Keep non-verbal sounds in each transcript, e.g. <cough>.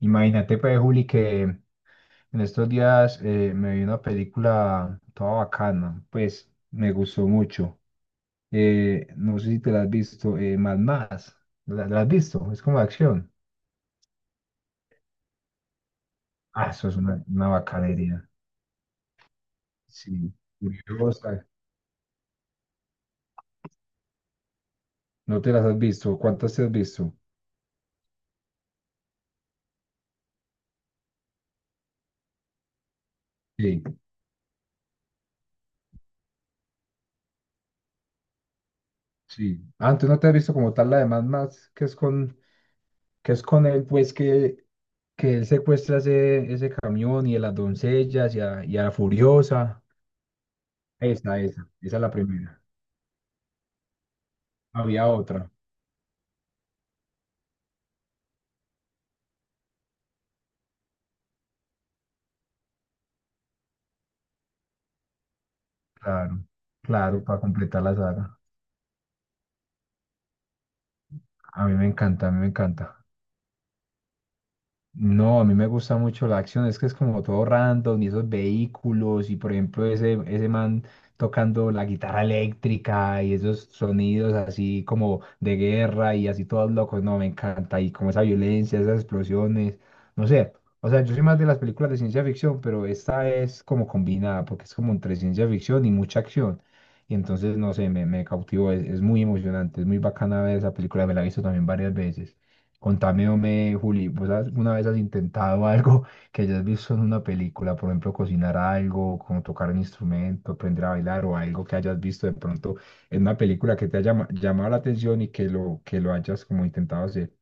Imagínate, pues, Juli, que en estos días me vi una película toda bacana, pues me gustó mucho. No sé si te la has visto, Mad Max. ¿La has visto? Es como de acción. Ah, eso es una bacanería. Sí, curiosa. ¿No te las has visto? ¿Cuántas te has visto? Sí, sí. Antes no te has visto como tal la de Mad Max, que es con él, pues que él secuestra ese camión y a las doncellas y a la Furiosa. Esa es la primera. Había otra, claro, claro, para completar la saga. A mí me encanta, a mí me encanta. No, a mí me gusta mucho la acción, es que es como todo random y esos vehículos y por ejemplo ese man tocando la guitarra eléctrica y esos sonidos así como de guerra y así todos locos, no, me encanta y como esa violencia, esas explosiones, no sé, o sea, yo soy más de las películas de ciencia ficción, pero esta es como combinada porque es como entre ciencia ficción y mucha acción y entonces no sé, me cautivó, es muy emocionante, es muy bacana ver esa película, me la he visto también varias veces. Contame, hombre, Juli, alguna vez has intentado <laughs> algo que hayas visto en una película? Por ejemplo, cocinar algo, como tocar un instrumento, aprender a bailar o algo que hayas visto de pronto en una película que te haya llamado la atención y que lo hayas como intentado hacer.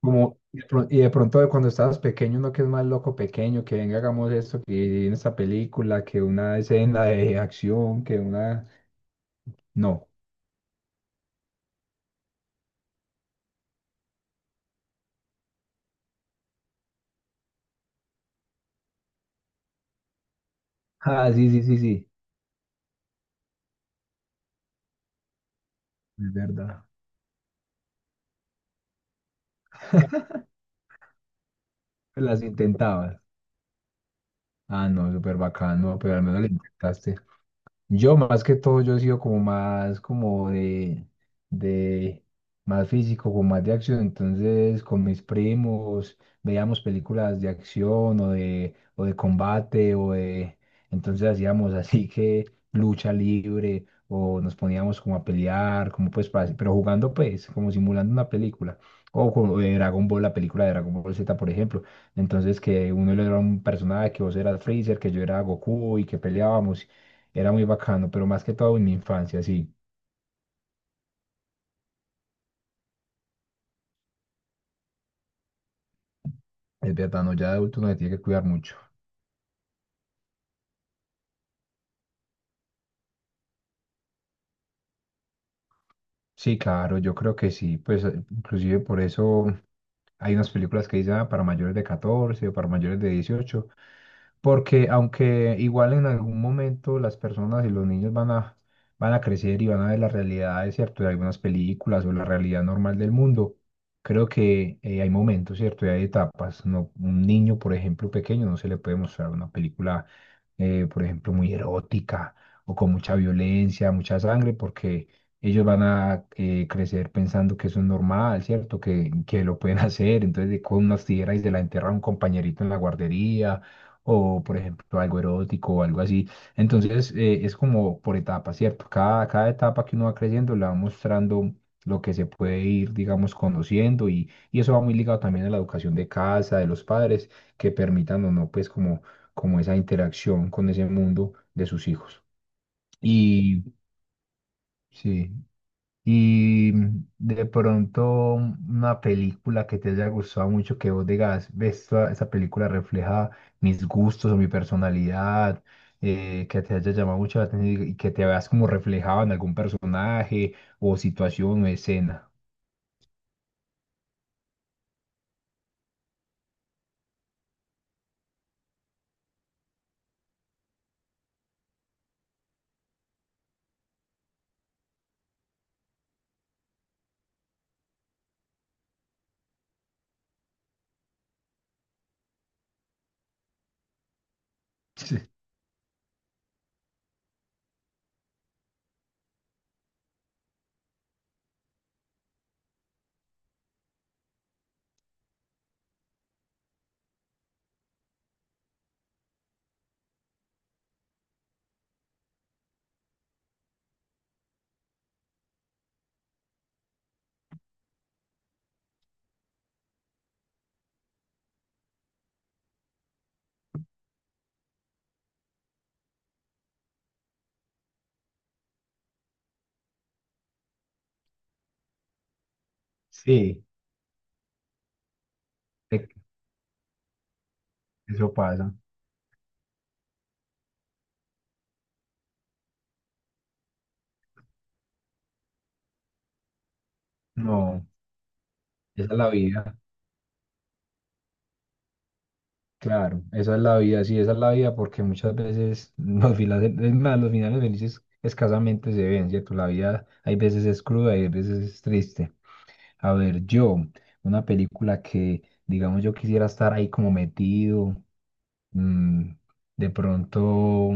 Como, y de pronto de cuando estabas pequeño, uno que es más loco pequeño, que venga, hagamos esto, que en esta película, que una escena de <laughs> acción, que una... No. Ah, sí, sí, sí, sí, es verdad. Las intentaba. Ah, no, súper bacano, pero al menos le intentaste. Yo más que todo, yo he sido como más como de más físico, como más de acción. Entonces, con mis primos veíamos películas de acción o de combate o de... Entonces hacíamos así que lucha libre o nos poníamos como a pelear, como pues, pero jugando pues, como simulando una película. O como de Dragon Ball, la película de Dragon Ball Z, por ejemplo. Entonces, que uno era un personaje, que vos eras Freezer, que yo era Goku y que peleábamos era muy bacano, pero más que todo en mi infancia, sí. Es verdad, no, ya de adulto uno se tiene que cuidar mucho. Sí, claro, yo creo que sí, pues inclusive por eso hay unas películas que dicen: "Ah, para mayores de 14 o para mayores de 18", porque aunque igual en algún momento las personas y los niños van a crecer y van a ver las realidades, cierto, de algunas películas o la realidad normal del mundo, creo que hay momentos, cierto, y hay etapas, no, un niño, por ejemplo, pequeño, no se le puede mostrar una película, por ejemplo, muy erótica o con mucha violencia, mucha sangre, porque ellos van a crecer pensando que eso es normal, ¿cierto? Que lo pueden <laughs> hacer. Entonces, de con unas tijeras y se la enterra a un compañerito en la guardería, o por ejemplo, algo erótico o algo así. Entonces, es como por etapas, ¿cierto? Cada etapa que uno va creciendo le va mostrando lo que se puede ir, digamos, conociendo y eso va muy ligado también a la educación de casa, de los padres, que permitan o no, pues, como, como esa interacción con ese mundo de sus hijos. Y sí. Y de pronto una película que te haya gustado mucho, que vos digas, ves, esta película refleja mis gustos o mi personalidad, que te haya llamado mucho la atención y que te veas como reflejado en algún personaje o situación o escena. <laughs> Sí, sí, e- eso pasa. No, esa es la vida. Claro, esa es la vida, sí, esa es la vida, porque muchas veces los finales, es más, los finales felices escasamente se ven, ¿cierto? La vida hay veces es cruda y hay veces es triste. A ver, yo, una película que, digamos, yo quisiera estar ahí como metido, mm, de pronto,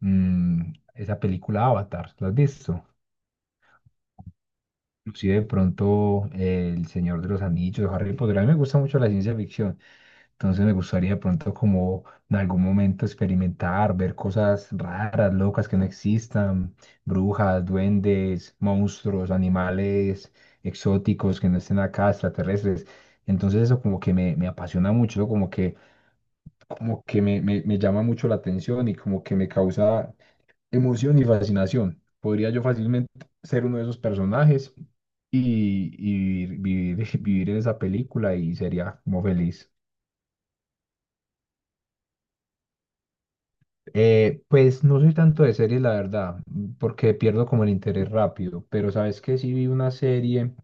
mm, esa película Avatar, ¿la has visto? Inclusive de pronto El Señor de los Anillos, Harry Potter, a mí me gusta mucho la ciencia ficción, entonces me gustaría de pronto como en algún momento experimentar, ver cosas raras, locas que no existan, brujas, duendes, monstruos, animales exóticos que no estén acá, extraterrestres. Entonces eso como que me, apasiona mucho, ¿no? Como que me llama mucho la atención y como que me causa emoción y fascinación. Podría yo fácilmente ser uno de esos personajes y vivir, <laughs> vivir en esa película y sería como feliz. Pues no soy tanto de series, la verdad, porque pierdo como el interés rápido, pero sabes que sí vi una serie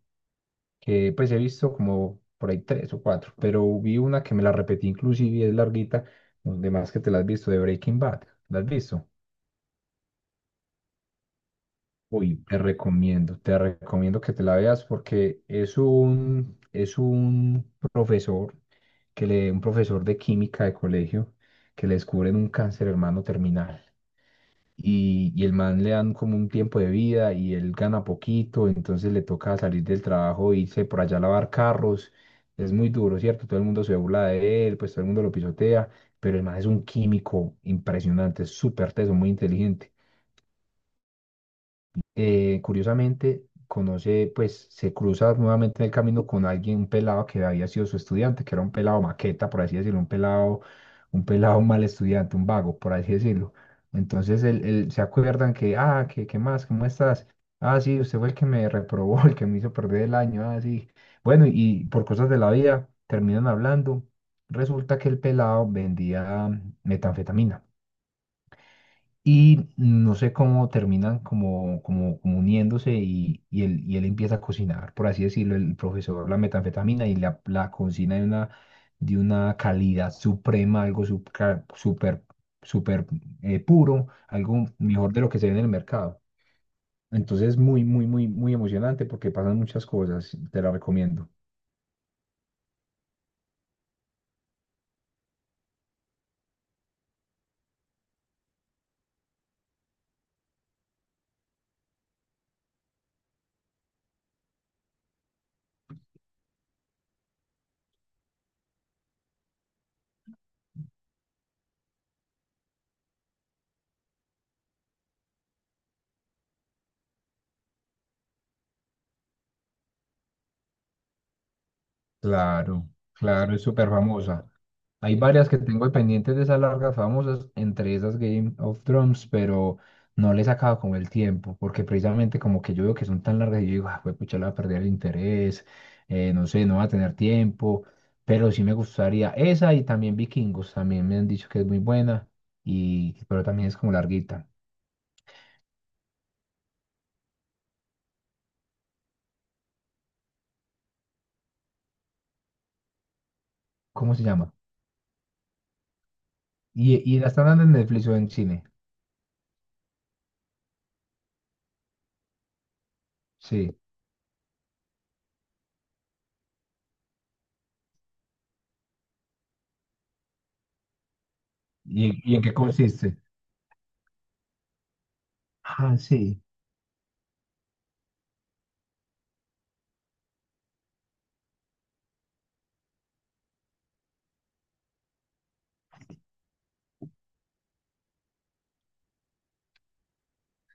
que pues he visto como por ahí tres o cuatro, pero vi una que me la repetí inclusive y es larguita, donde más que te la has visto de Breaking Bad, ¿la has visto? Uy, te recomiendo, te recomiendo que te la veas porque es un profesor, que le, un profesor de química de colegio que le descubren un cáncer hermano terminal, y el man le dan como un tiempo de vida y él gana poquito, entonces le toca salir del trabajo e irse por allá a lavar carros. Es muy duro, ¿cierto? Todo el mundo se burla de él, pues todo el mundo lo pisotea, pero el man es un químico impresionante, es súper teso, muy inteligente, curiosamente, conoce, pues se cruza nuevamente en el camino con alguien, un pelado que había sido su estudiante, que era un pelado maqueta, por así decirlo, un pelado <laughs> mal estudiante, un vago, por así decirlo. Entonces él, se acuerdan que, ah, ¿qué más? ¿Cómo estás? Ah, sí, usted fue el que me reprobó, <laughs> el que me hizo perder el año, ah, sí. Bueno, y por cosas de la vida terminan hablando. Resulta que el pelado vendía metanfetamina. Y no sé cómo terminan como, como uniéndose y él empieza a cocinar, por así decirlo, el profesor, la metanfetamina y la cocina de una calidad suprema, algo súper, súper, súper puro, algo mejor de lo que se ve en el mercado. Entonces, muy, muy, muy, muy emocionante porque pasan muchas cosas, te la recomiendo. Claro, claro, es súper famosa. Hay varias que tengo ahí pendientes de esas largas famosas, entre esas Game of Thrones, pero no les he sacado como el tiempo, porque precisamente como que yo veo que son tan largas y yo digo, ah, pues pucha, le voy a perder el interés, no sé, no va a tener tiempo, pero sí me gustaría esa y también Vikingos, también me han dicho que es muy buena, y, pero también es como larguita. ¿Cómo se llama? ¿Y la están dando en Netflix o en cine? Sí. ¿Y en qué consiste? Ah, sí.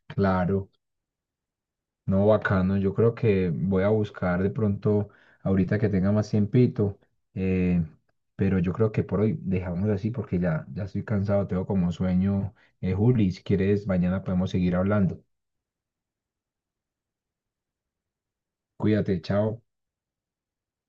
Claro. No, bacano. Yo creo que voy a buscar de pronto, ahorita que tenga más tiempito, eh, pero yo creo que por hoy dejamos así porque ya, ya estoy cansado, tengo como sueño. Juli, si quieres, mañana podemos seguir hablando. Cuídate, chao.